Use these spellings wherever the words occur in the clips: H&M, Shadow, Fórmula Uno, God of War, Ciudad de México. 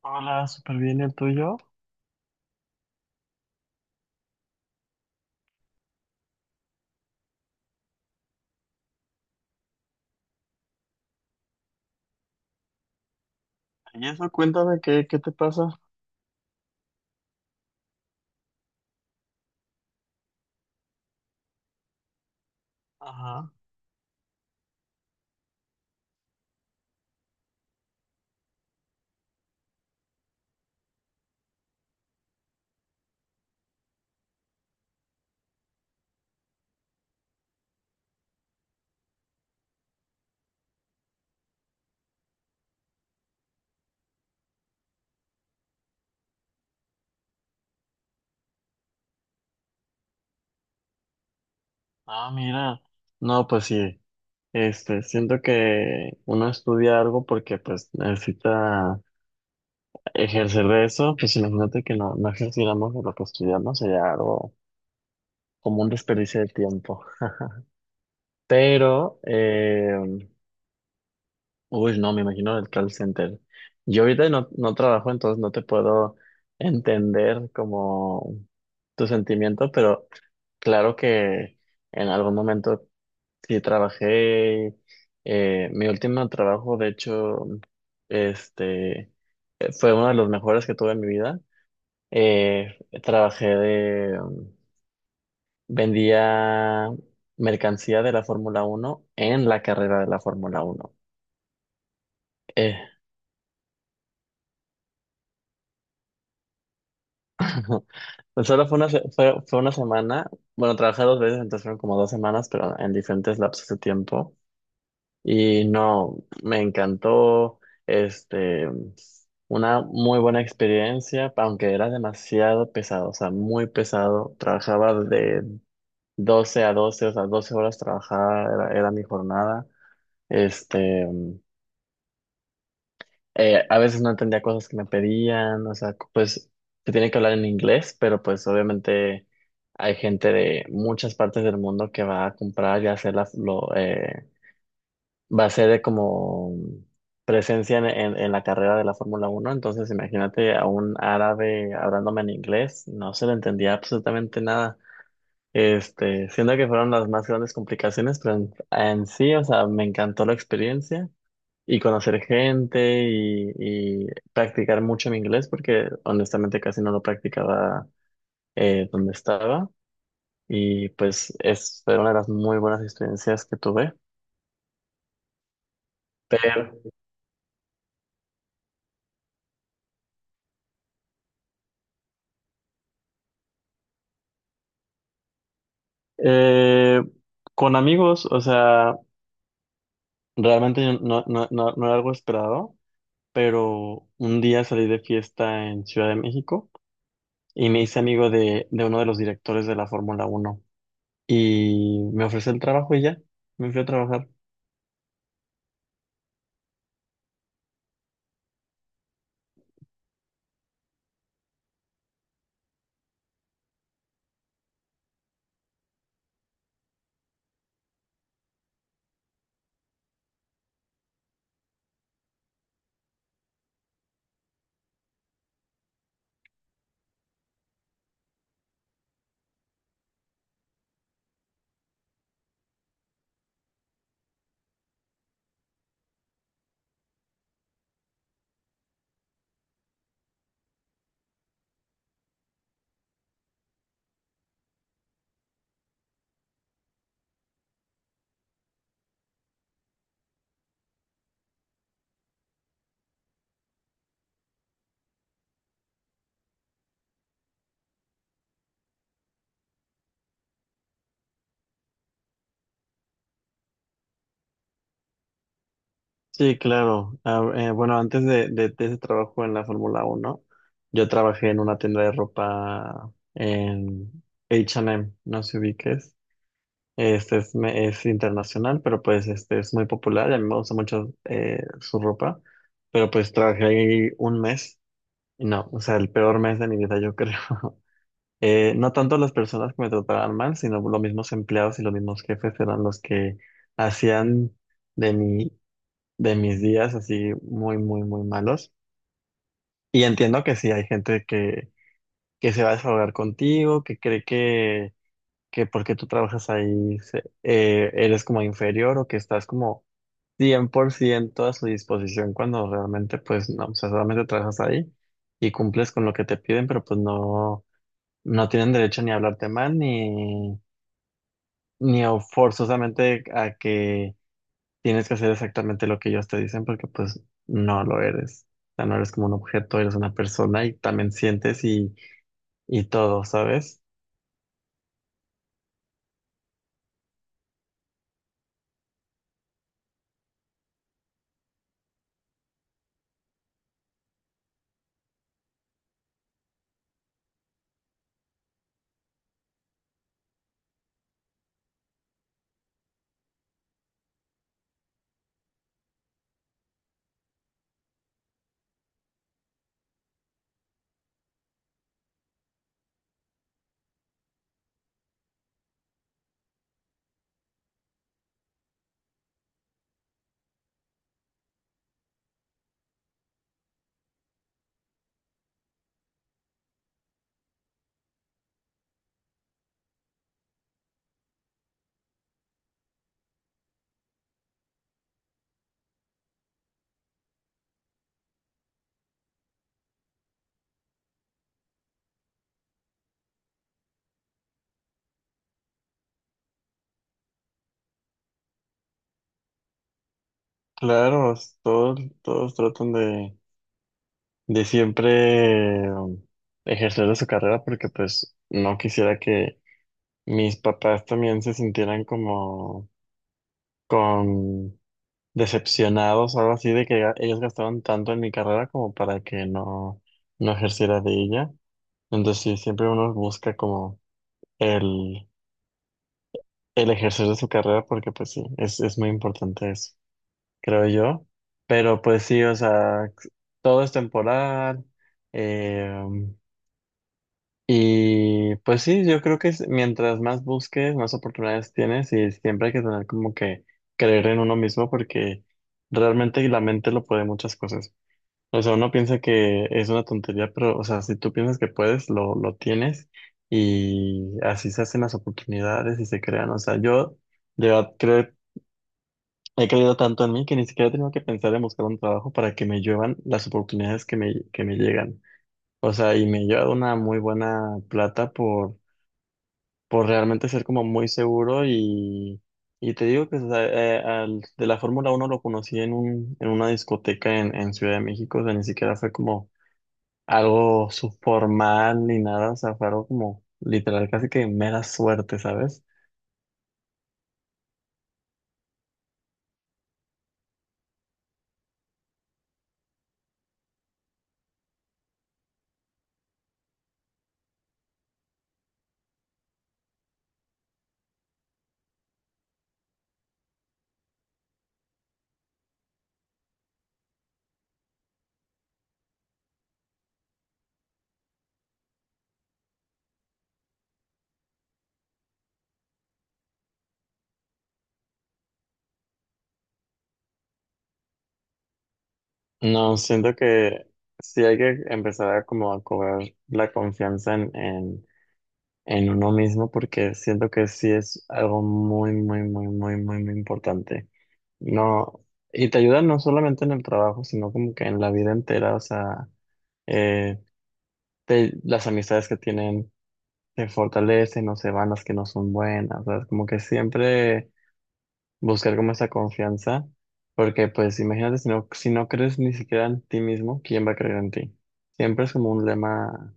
Hola, súper bien, ¿el tuyo? Y eso, cuéntame, ¿qué te pasa? Ajá. Ah, mira. No, pues sí. Este, siento que uno estudia algo porque pues necesita ejercer de eso. Pues imagínate que no, no ejerciéramos de lo que estudiamos, sería algo como un desperdicio de tiempo. Pero, uy, no, me imagino el call center. Yo ahorita no, no trabajo, entonces no te puedo entender como tu sentimiento, pero claro que en algún momento sí trabajé. Mi último trabajo, de hecho, este fue uno de los mejores que tuve en mi vida. Eh, trabajé de vendía mercancía de la Fórmula Uno en la carrera de la Fórmula Uno. Eh, pues solo fue una semana. Bueno, trabajé dos veces, entonces fueron como 2 semanas, pero en diferentes lapsos de tiempo. Y no, me encantó, este, una muy buena experiencia, aunque era demasiado pesado, o sea, muy pesado. Trabajaba de 12 a 12, o sea, 12 horas trabajaba, era mi jornada. Este, a veces no entendía cosas que me pedían, o sea, pues se tiene que hablar en inglés, pero pues obviamente hay gente de muchas partes del mundo que va a comprar y hacer las, va a ser de como presencia en la carrera de la Fórmula Uno, entonces imagínate a un árabe hablándome en inglés, no se le entendía absolutamente nada. Este, siendo que fueron las más grandes complicaciones, pero en sí, o sea, me encantó la experiencia y conocer gente y practicar mucho mi inglés, porque honestamente casi no lo practicaba donde estaba. Y pues fue una de las muy buenas experiencias que tuve. Eh, con amigos, o sea, realmente yo no, no, no, no era algo esperado, pero un día salí de fiesta en Ciudad de México y me hice amigo de uno de los directores de la Fórmula Uno y me ofreció el trabajo y ya, me fui a trabajar. Sí, claro. Ah, bueno, antes de ese trabajo en la Fórmula Uno, yo trabajé en una tienda de ropa en H&M, no sé si ubiques. Este es internacional, pero pues este es muy popular y a mí me gusta mucho su ropa. Pero pues trabajé ahí un mes y no, o sea, el peor mes de mi vida, yo creo. No tanto las personas que me trataban mal, sino los mismos empleados y los mismos jefes eran los que hacían de mi, de mis días así muy, muy, muy malos. Y entiendo que sí, hay gente que se va a desahogar contigo, que cree que porque tú trabajas ahí eres como inferior o que estás como 100% a su disposición cuando realmente pues no, o sea, solamente trabajas ahí y cumples con lo que te piden, pero pues no, no tienen derecho ni a hablarte mal ni a forzosamente a que tienes que hacer exactamente lo que ellos te dicen porque pues no lo eres. O sea, no eres como un objeto, eres una persona y también sientes y todo, ¿sabes? Claro, todos tratan de siempre ejercer de su carrera porque pues no quisiera que mis papás también se sintieran como con decepcionados o algo así de que ellos gastaron tanto en mi carrera como para que no, no ejerciera de ella. Entonces sí, siempre uno busca como el, el ejercer de su carrera porque pues sí, es muy importante eso, creo yo. Pero pues sí, o sea, todo es temporal. Eh, Y pues sí, yo creo que mientras más busques, más oportunidades tienes y siempre hay que tener como que creer en uno mismo porque realmente la mente lo puede muchas cosas. O sea, uno piensa que es una tontería, pero o sea, si tú piensas que puedes, lo tienes y así se hacen las oportunidades y se crean. O sea, yo de verdad creo, he creído tanto en mí que ni siquiera he tenido que pensar en buscar un trabajo para que me lluevan las oportunidades que me llegan. O sea, y me lleva una muy buena plata por realmente ser como muy seguro y te digo que o sea, de la Fórmula Uno lo conocí en una discoteca en Ciudad de México, o sea, ni siquiera fue como algo subformal ni nada, o sea, fue algo como literal, casi que mera suerte, ¿sabes? No, siento que sí hay que empezar a como a cobrar la confianza en uno mismo porque siento que sí es algo muy, muy, muy, muy, muy, muy importante. No, y te ayuda no solamente en el trabajo, sino como que en la vida entera, o sea, eh, las amistades que tienen se fortalecen o se van las que no son buenas, ¿sabes? Como que siempre buscar como esa confianza, porque pues imagínate si no, si no crees ni siquiera en ti mismo, ¿quién va a creer en ti? Siempre es como un lema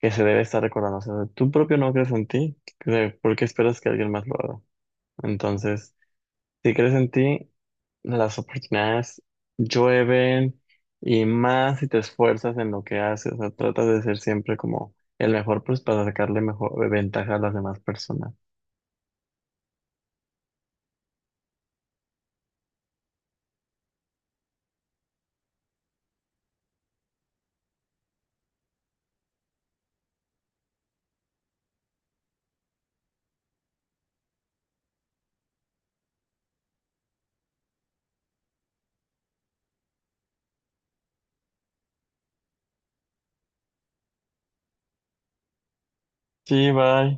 que se debe estar recordando. O sea, tú propio no crees en ti, ¿por qué esperas que alguien más lo haga? Entonces, si crees en ti, las oportunidades llueven y más si te esfuerzas en lo que haces. O sea, tratas de ser siempre como el mejor, pues para sacarle mejor ventaja a las demás personas. Sí, bye.